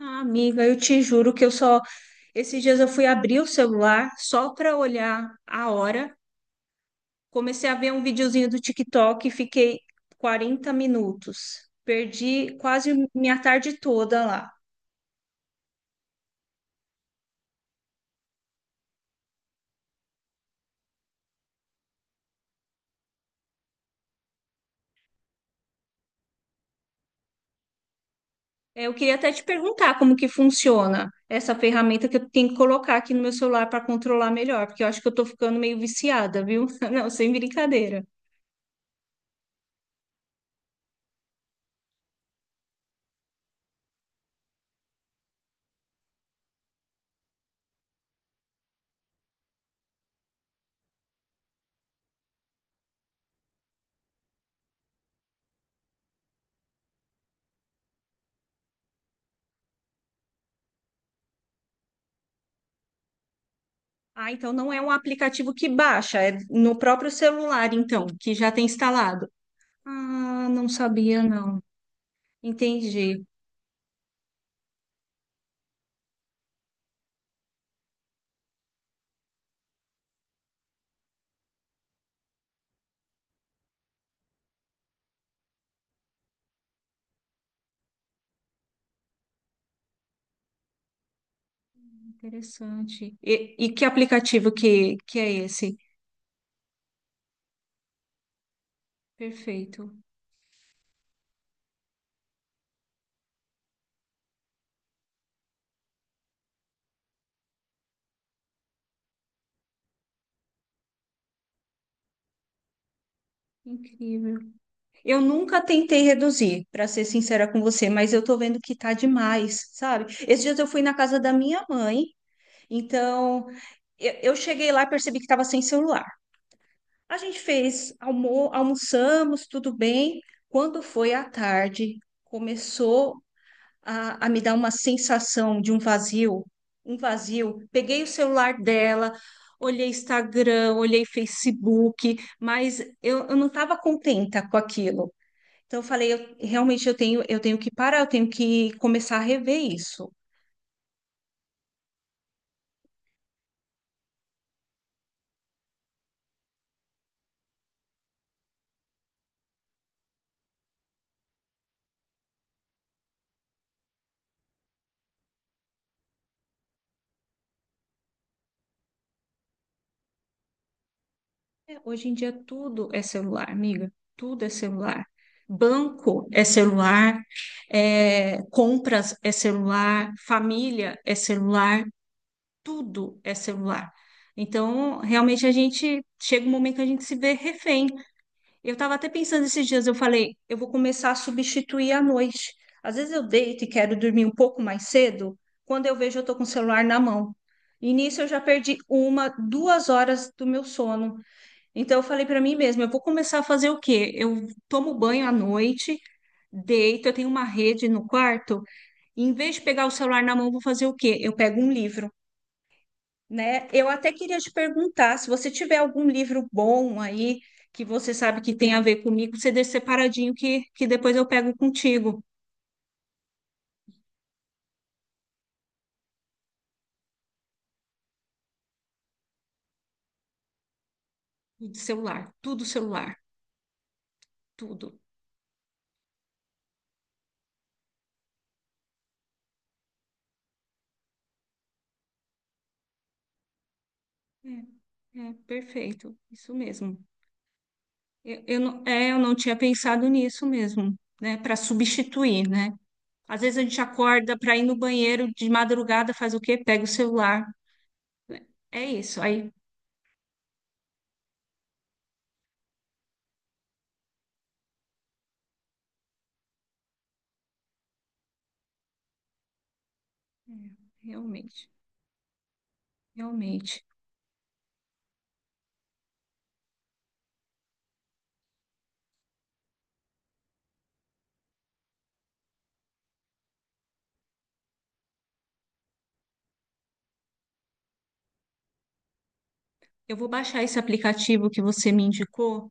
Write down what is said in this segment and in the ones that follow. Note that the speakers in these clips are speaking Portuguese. Ah, amiga, eu te juro que eu só. Esses dias eu fui abrir o celular só para olhar a hora. Comecei a ver um videozinho do TikTok e fiquei 40 minutos. Perdi quase minha tarde toda lá. Eu queria até te perguntar como que funciona essa ferramenta que eu tenho que colocar aqui no meu celular para controlar melhor, porque eu acho que eu tô ficando meio viciada, viu? Não, sem brincadeira. Ah, então não é um aplicativo que baixa, é no próprio celular, então, que já tem instalado. Ah, não sabia, não. Entendi. Interessante. E que aplicativo que é esse? Perfeito. Incrível. Eu nunca tentei reduzir, para ser sincera com você, mas eu tô vendo que tá demais, sabe? Esses dias eu fui na casa da minha mãe, então eu cheguei lá e percebi que estava sem celular. A gente fez, almoçamos, tudo bem. Quando foi à tarde, começou a me dar uma sensação de um vazio, um vazio. Peguei o celular dela, olhei Instagram, olhei Facebook, mas eu não estava contenta com aquilo. Então eu falei, eu, realmente eu tenho que parar, eu tenho que começar a rever isso. É, hoje em dia tudo é celular, amiga, tudo é celular. Banco é celular, é, compras é celular, família é celular. Tudo é celular. Então, realmente a gente chega um momento que a gente se vê refém. Eu estava até pensando esses dias, eu falei, eu vou começar a substituir à noite. Às vezes eu deito e quero dormir um pouco mais cedo, quando eu vejo eu estou com o celular na mão. E nisso eu já perdi uma, 2 horas do meu sono. Então eu falei para mim mesma, eu vou começar a fazer o quê? Eu tomo banho à noite, deito, eu tenho uma rede no quarto, e em vez de pegar o celular na mão, eu vou fazer o quê? Eu pego um livro, né? Eu até queria te perguntar se você tiver algum livro bom aí que você sabe que tem a ver comigo, você deixa separadinho que depois eu pego contigo. Tudo celular, tudo celular, tudo. Perfeito, isso mesmo. Eu não, é, eu não tinha pensado nisso mesmo, né? Para substituir, né? Às vezes a gente acorda para ir no banheiro de madrugada, faz o quê? Pega o celular. É isso, aí. É, realmente, realmente. Eu vou baixar esse aplicativo que você me indicou,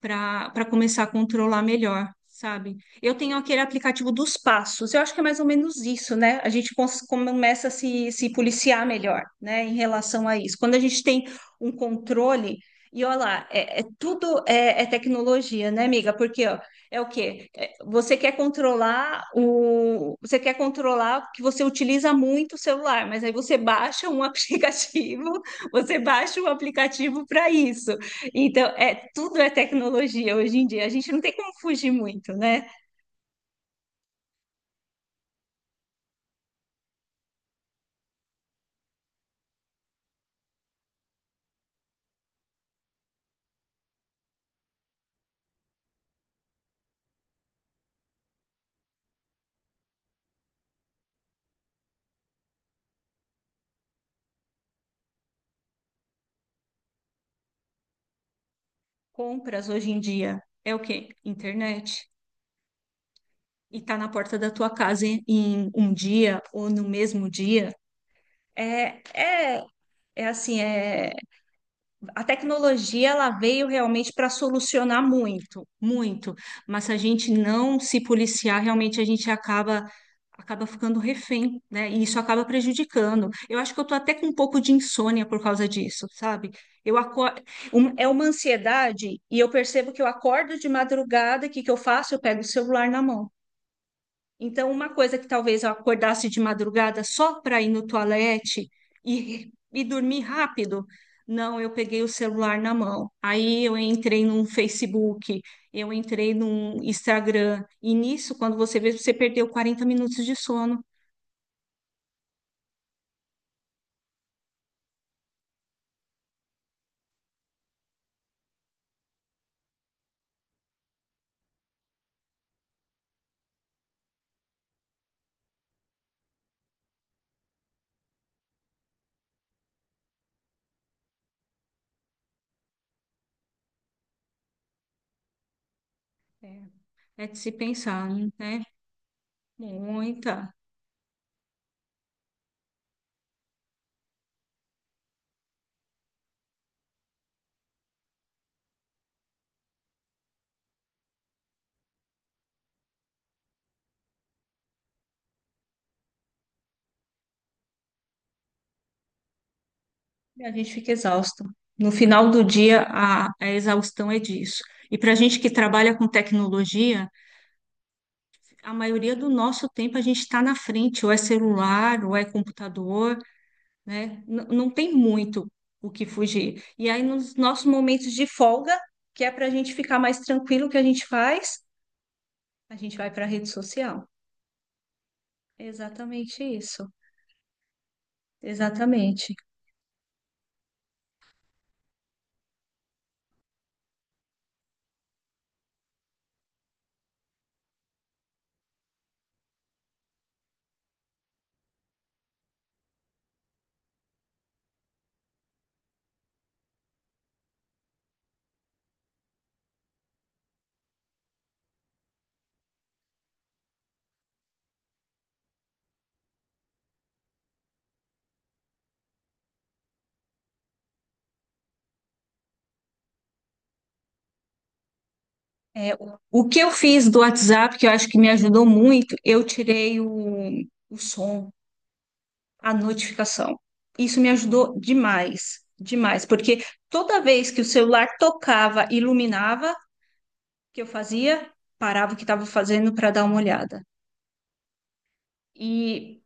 para começar a controlar melhor, sabe? Eu tenho aquele aplicativo dos passos, eu acho que é mais ou menos isso, né? A gente começa a se policiar melhor, né, em relação a isso. Quando a gente tem um controle, e olha lá, é é tecnologia, né, amiga? Porque, ó, é o quê? É, você quer controlar o, você quer controlar que você utiliza muito o celular, mas aí você baixa um aplicativo, você baixa um aplicativo para isso. Então, é, tudo é tecnologia hoje em dia. A gente não tem como fugir muito, né? Compras hoje em dia é o quê? Internet. E tá na porta da tua casa em um dia ou no mesmo dia. É, é, é assim, é a tecnologia, ela veio realmente para solucionar muito, muito, mas se a gente não se policiar, realmente a gente acaba, acaba ficando refém, né? E isso acaba prejudicando. Eu acho que eu tô até com um pouco de insônia por causa disso, sabe? Eu acordo, é uma ansiedade e eu percebo que eu acordo de madrugada, o que que eu faço? Eu pego o celular na mão. Então, uma coisa que talvez eu acordasse de madrugada só para ir no toalete e dormir rápido, não, eu peguei o celular na mão. Aí eu entrei num Facebook, eu entrei num Instagram. E nisso, quando você vê, você perdeu 40 minutos de sono. É É de se pensar, né? Muita. E a gente fica exausto. No final do dia, a exaustão é disso. E para a gente que trabalha com tecnologia, a maioria do nosso tempo a gente está na frente, ou é celular, ou é computador, né? Não tem muito o que fugir. E aí, nos nossos momentos de folga, que é para a gente ficar mais tranquilo, o que a gente faz? A gente vai para a rede social. Exatamente isso. Exatamente. É, o que eu fiz do WhatsApp, que eu acho que me ajudou muito, eu tirei o som. A notificação. Isso me ajudou demais, demais, porque toda vez que o celular tocava, iluminava, o que eu fazia, parava o que estava fazendo para dar uma olhada. E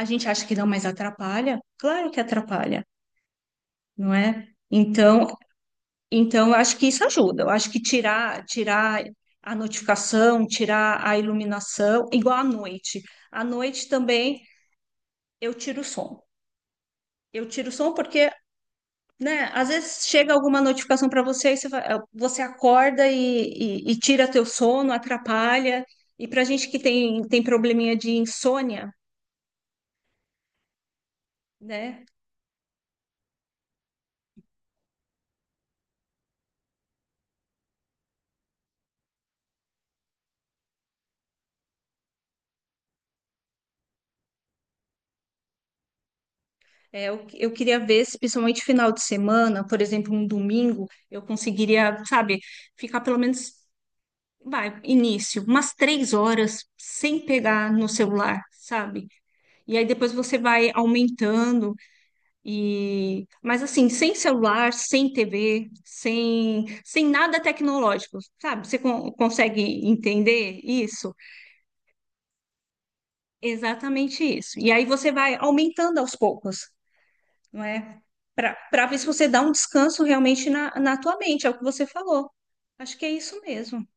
a gente acha que não, mas atrapalha? Claro que atrapalha, não é? Então, então eu acho que isso ajuda. Eu acho que tirar, tirar a notificação, tirar a iluminação, igual à noite. À noite também eu tiro o som. Eu tiro o som porque, né? Às vezes chega alguma notificação para você, e você, você acorda e, e tira teu sono, atrapalha. E para gente que tem, tem probleminha de insônia, né? É, eu queria ver se, principalmente final de semana, por exemplo, um domingo, eu conseguiria, sabe, ficar pelo menos, vai, início, umas 3 horas sem pegar no celular, sabe? E aí depois você vai aumentando. E, mas assim, sem celular, sem TV, sem nada tecnológico, sabe? Você consegue entender isso? Exatamente isso. E aí você vai aumentando aos poucos, não é? Para ver se você dá um descanso realmente na, na tua mente, é o que você falou. Acho que é isso mesmo.